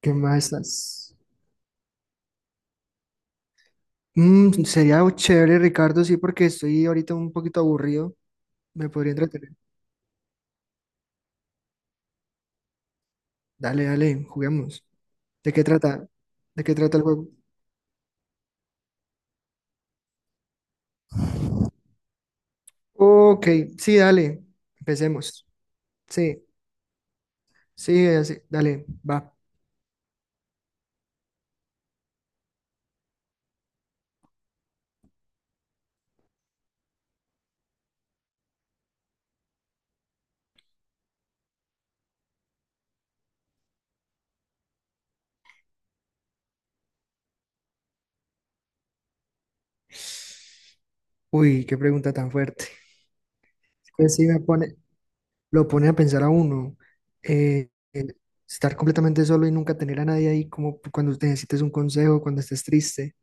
¿Qué más estás? Sería algo chévere, Ricardo, sí, porque estoy ahorita un poquito aburrido. Me podría entretener. Dale, dale, juguemos. ¿De qué trata? ¿De qué trata el juego? Ok, sí, dale. Empecemos. Sí, sí, así, dale, va. Uy, qué pregunta tan fuerte. Que sí me pone, lo pone a pensar a uno. eh, eh, Estar completamente solo y nunca tener a nadie ahí, como cuando te necesites un consejo, cuando estés triste.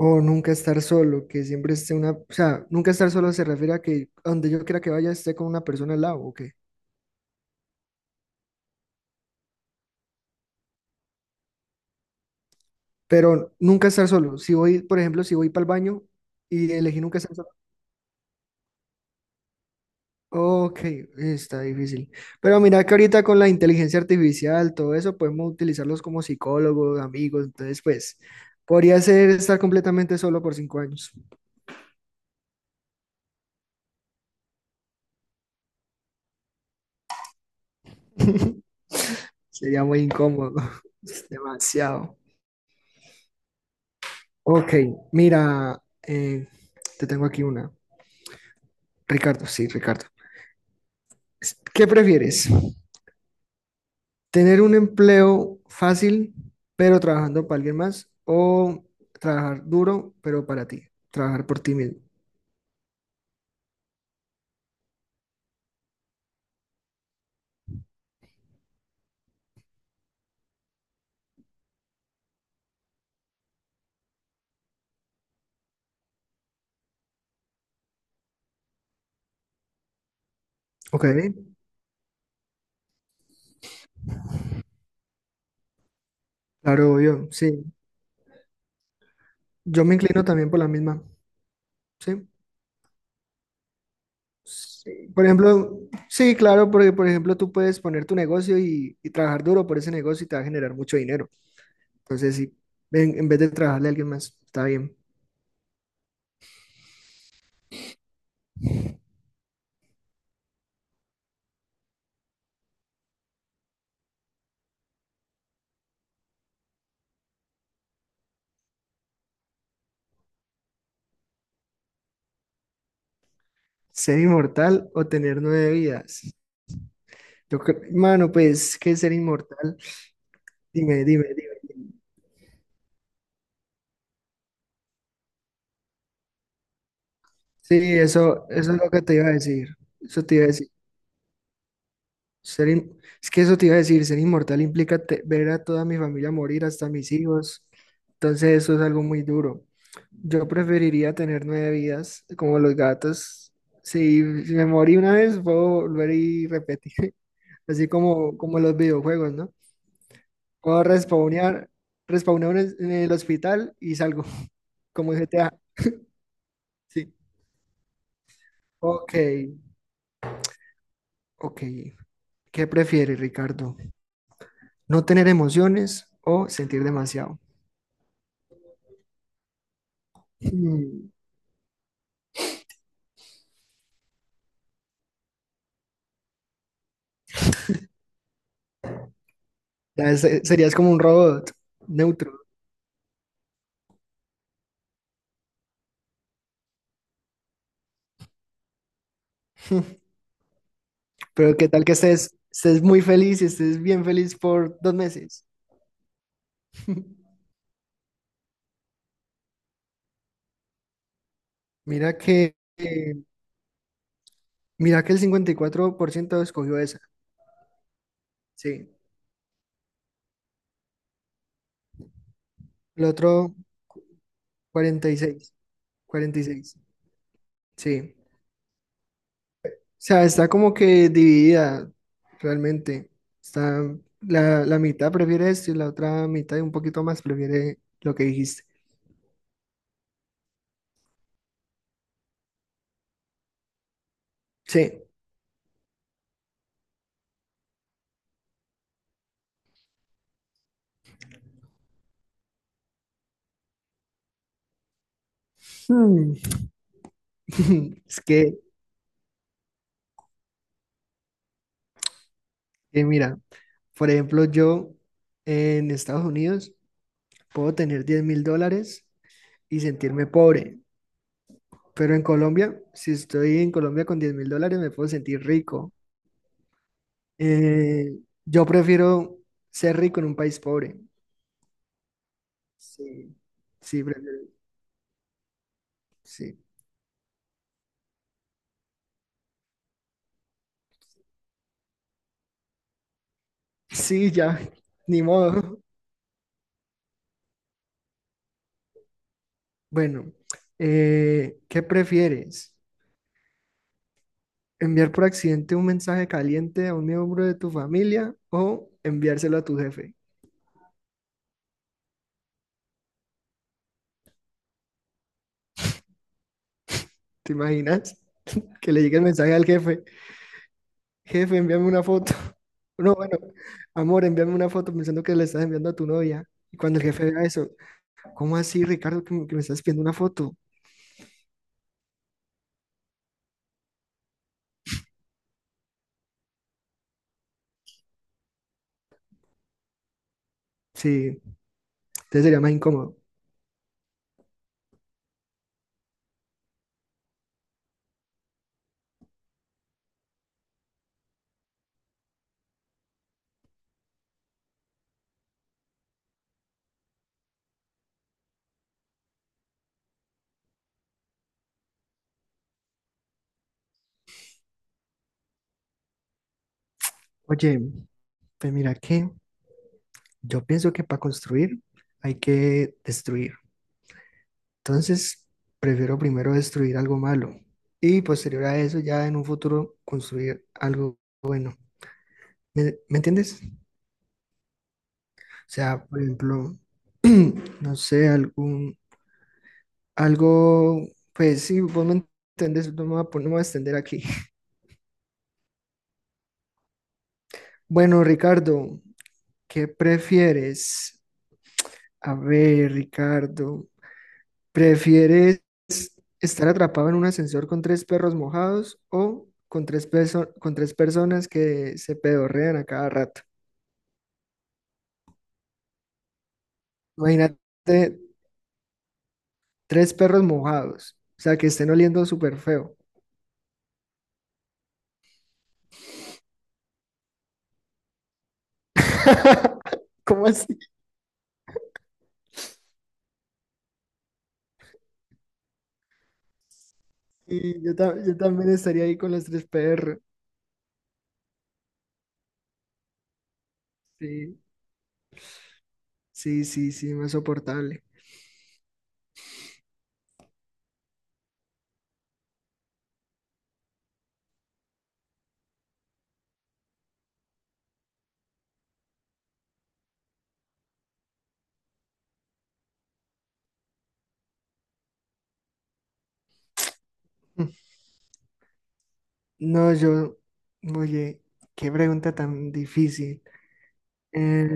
O nunca estar solo, que siempre esté una, o sea, nunca estar solo se refiere a que a donde yo quiera que vaya esté con una persona al lado, ¿o qué? Pero nunca estar solo. Si voy, por ejemplo, si voy para el baño y elegí nunca estar solo. Ok, está difícil. Pero mira que ahorita con la inteligencia artificial, todo eso, podemos utilizarlos como psicólogos, amigos. Entonces, pues, podría ser estar completamente solo por 5 años. Sería muy incómodo. Demasiado. Ok, mira, eh, te tengo aquí una. Ricardo, sí, Ricardo. ¿Qué prefieres? ¿Tener un empleo fácil, pero trabajando para alguien más? ¿O trabajar duro, pero para ti? Trabajar por ti mismo. Ok, claro, yo, sí. Yo me inclino también por la misma, ¿sí? Sí, por ejemplo, sí, claro, porque por ejemplo tú puedes poner tu negocio y trabajar duro por ese negocio y te va a generar mucho dinero. Entonces, sí, en vez de trabajarle a alguien más, está bien. ¿Ser inmortal o tener nueve vidas? Mano, pues, ¿qué es ser inmortal? Dime, dime, dime. Sí, eso es lo que te iba a decir. Eso te iba a decir. Es que eso te iba a decir, ser inmortal implica ver a toda mi familia morir, hasta mis hijos. Entonces, eso es algo muy duro. Yo preferiría tener nueve vidas, como los gatos. Si, si me morí una vez, puedo volver y repetir. Así como, como los videojuegos, ¿no? Puedo respawnear, respawnear en el hospital y salgo, como GTA. Sí. Ok, ok. ¿Qué prefiere, Ricardo? ¿No tener emociones o sentir demasiado? Hmm, Serías como un robot neutro. Pero qué tal que estés muy feliz y estés bien feliz por 2 meses. Mira que, eh, mira que el 54% escogió esa. Sí. El otro cuarenta 46, 46. Sí. Sea, está como que dividida realmente. Está la mitad prefiere esto y la otra mitad y un poquito más prefiere lo que dijiste. Sí. Hmm. Es que mira, por ejemplo, yo en Estados Unidos puedo tener 10.000 dólares y sentirme pobre, pero en Colombia, si estoy en Colombia con 10.000 dólares, me puedo sentir rico. Eh, yo prefiero ser rico en un país pobre. Sí, sí, prefiero, sí. Sí, ya, ni modo. Bueno, ¿qué prefieres? ¿Enviar por accidente un mensaje caliente a un miembro de tu familia o enviárselo a tu jefe? ¿Te imaginas? Que le llegue el mensaje al jefe. Jefe, envíame una foto. No, bueno, amor, envíame una foto pensando que le estás enviando a tu novia. Y cuando el jefe vea eso, ¿cómo así, Ricardo, que que me estás pidiendo una foto? Sí, entonces sería más incómodo. Oye, pues mira que yo pienso que para construir hay que destruir. Entonces, prefiero primero destruir algo malo y posterior a eso ya en un futuro construir algo. ¿Me entiendes? O sea, por ejemplo, no sé, algún, algo, pues sí, vos me entendés, no me voy a, no me voy a extender aquí. Bueno, Ricardo, ¿qué prefieres? A ver, Ricardo, ¿prefieres estar atrapado en un ascensor con tres perros mojados o con tres personas que se pedorrean a cada rato? Imagínate tres perros mojados, o sea, que estén oliendo súper feo. ¿Cómo así? Sí, yo, yo también estaría ahí con los tres perros. Sí, sí, sí, sí, más soportable. Mm. No, yo, oye, qué pregunta tan difícil. Eh,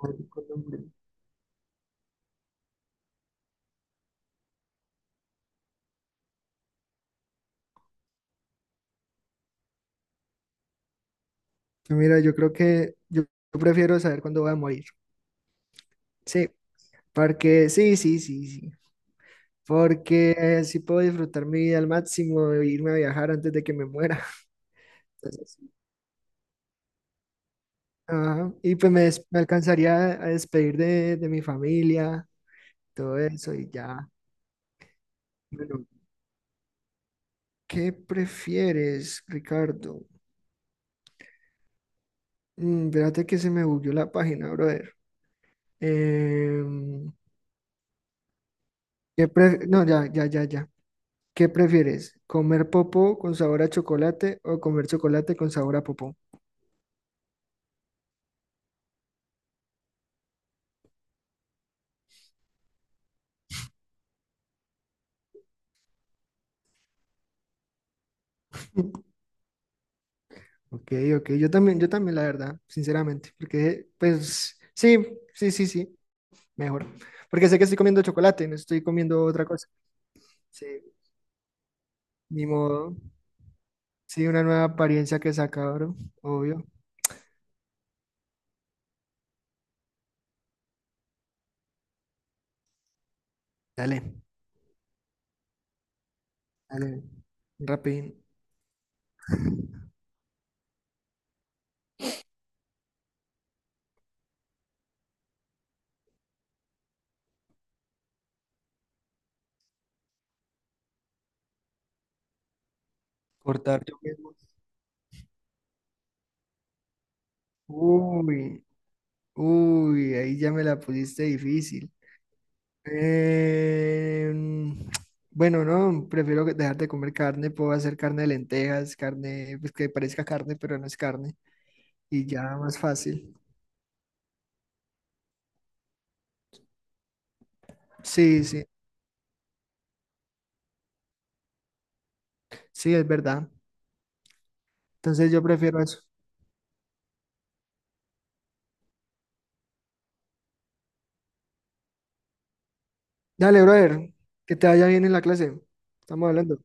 mira, yo creo que yo prefiero saber cuándo voy a morir. Sí, porque sí, sí, sí, sí. Porque así puedo disfrutar mi vida al máximo e irme a viajar antes de que me muera. Entonces, ajá. Y pues me, me alcanzaría a despedir de mi familia, todo eso y ya. Bueno, ¿qué prefieres, Ricardo? Espérate que se me bugueó la página, brother. Em, no, ya, ya, ya, ya. ¿Qué prefieres? ¿Comer popó con sabor a chocolate o comer chocolate con sabor a popó? Ok, ok. Yo también, la verdad, sinceramente. Porque, pues, sí, sí, sí, sí. Mejor. Porque sé que estoy comiendo chocolate, no estoy comiendo otra cosa. Sí, ni modo. Sí, una nueva apariencia que saca, bro. Obvio. Dale, dale. Rapidín. Cortar yo mismo. Uy, uy, ahí ya me la pusiste difícil. Em, bueno, no, prefiero dejar de comer carne. Puedo hacer carne de lentejas, carne, pues que parezca carne, pero no es carne. Y ya más fácil. Sí, sí, sí, es verdad. Entonces yo prefiero eso. Dale, brother, que te vaya bien en la clase. Estamos hablando.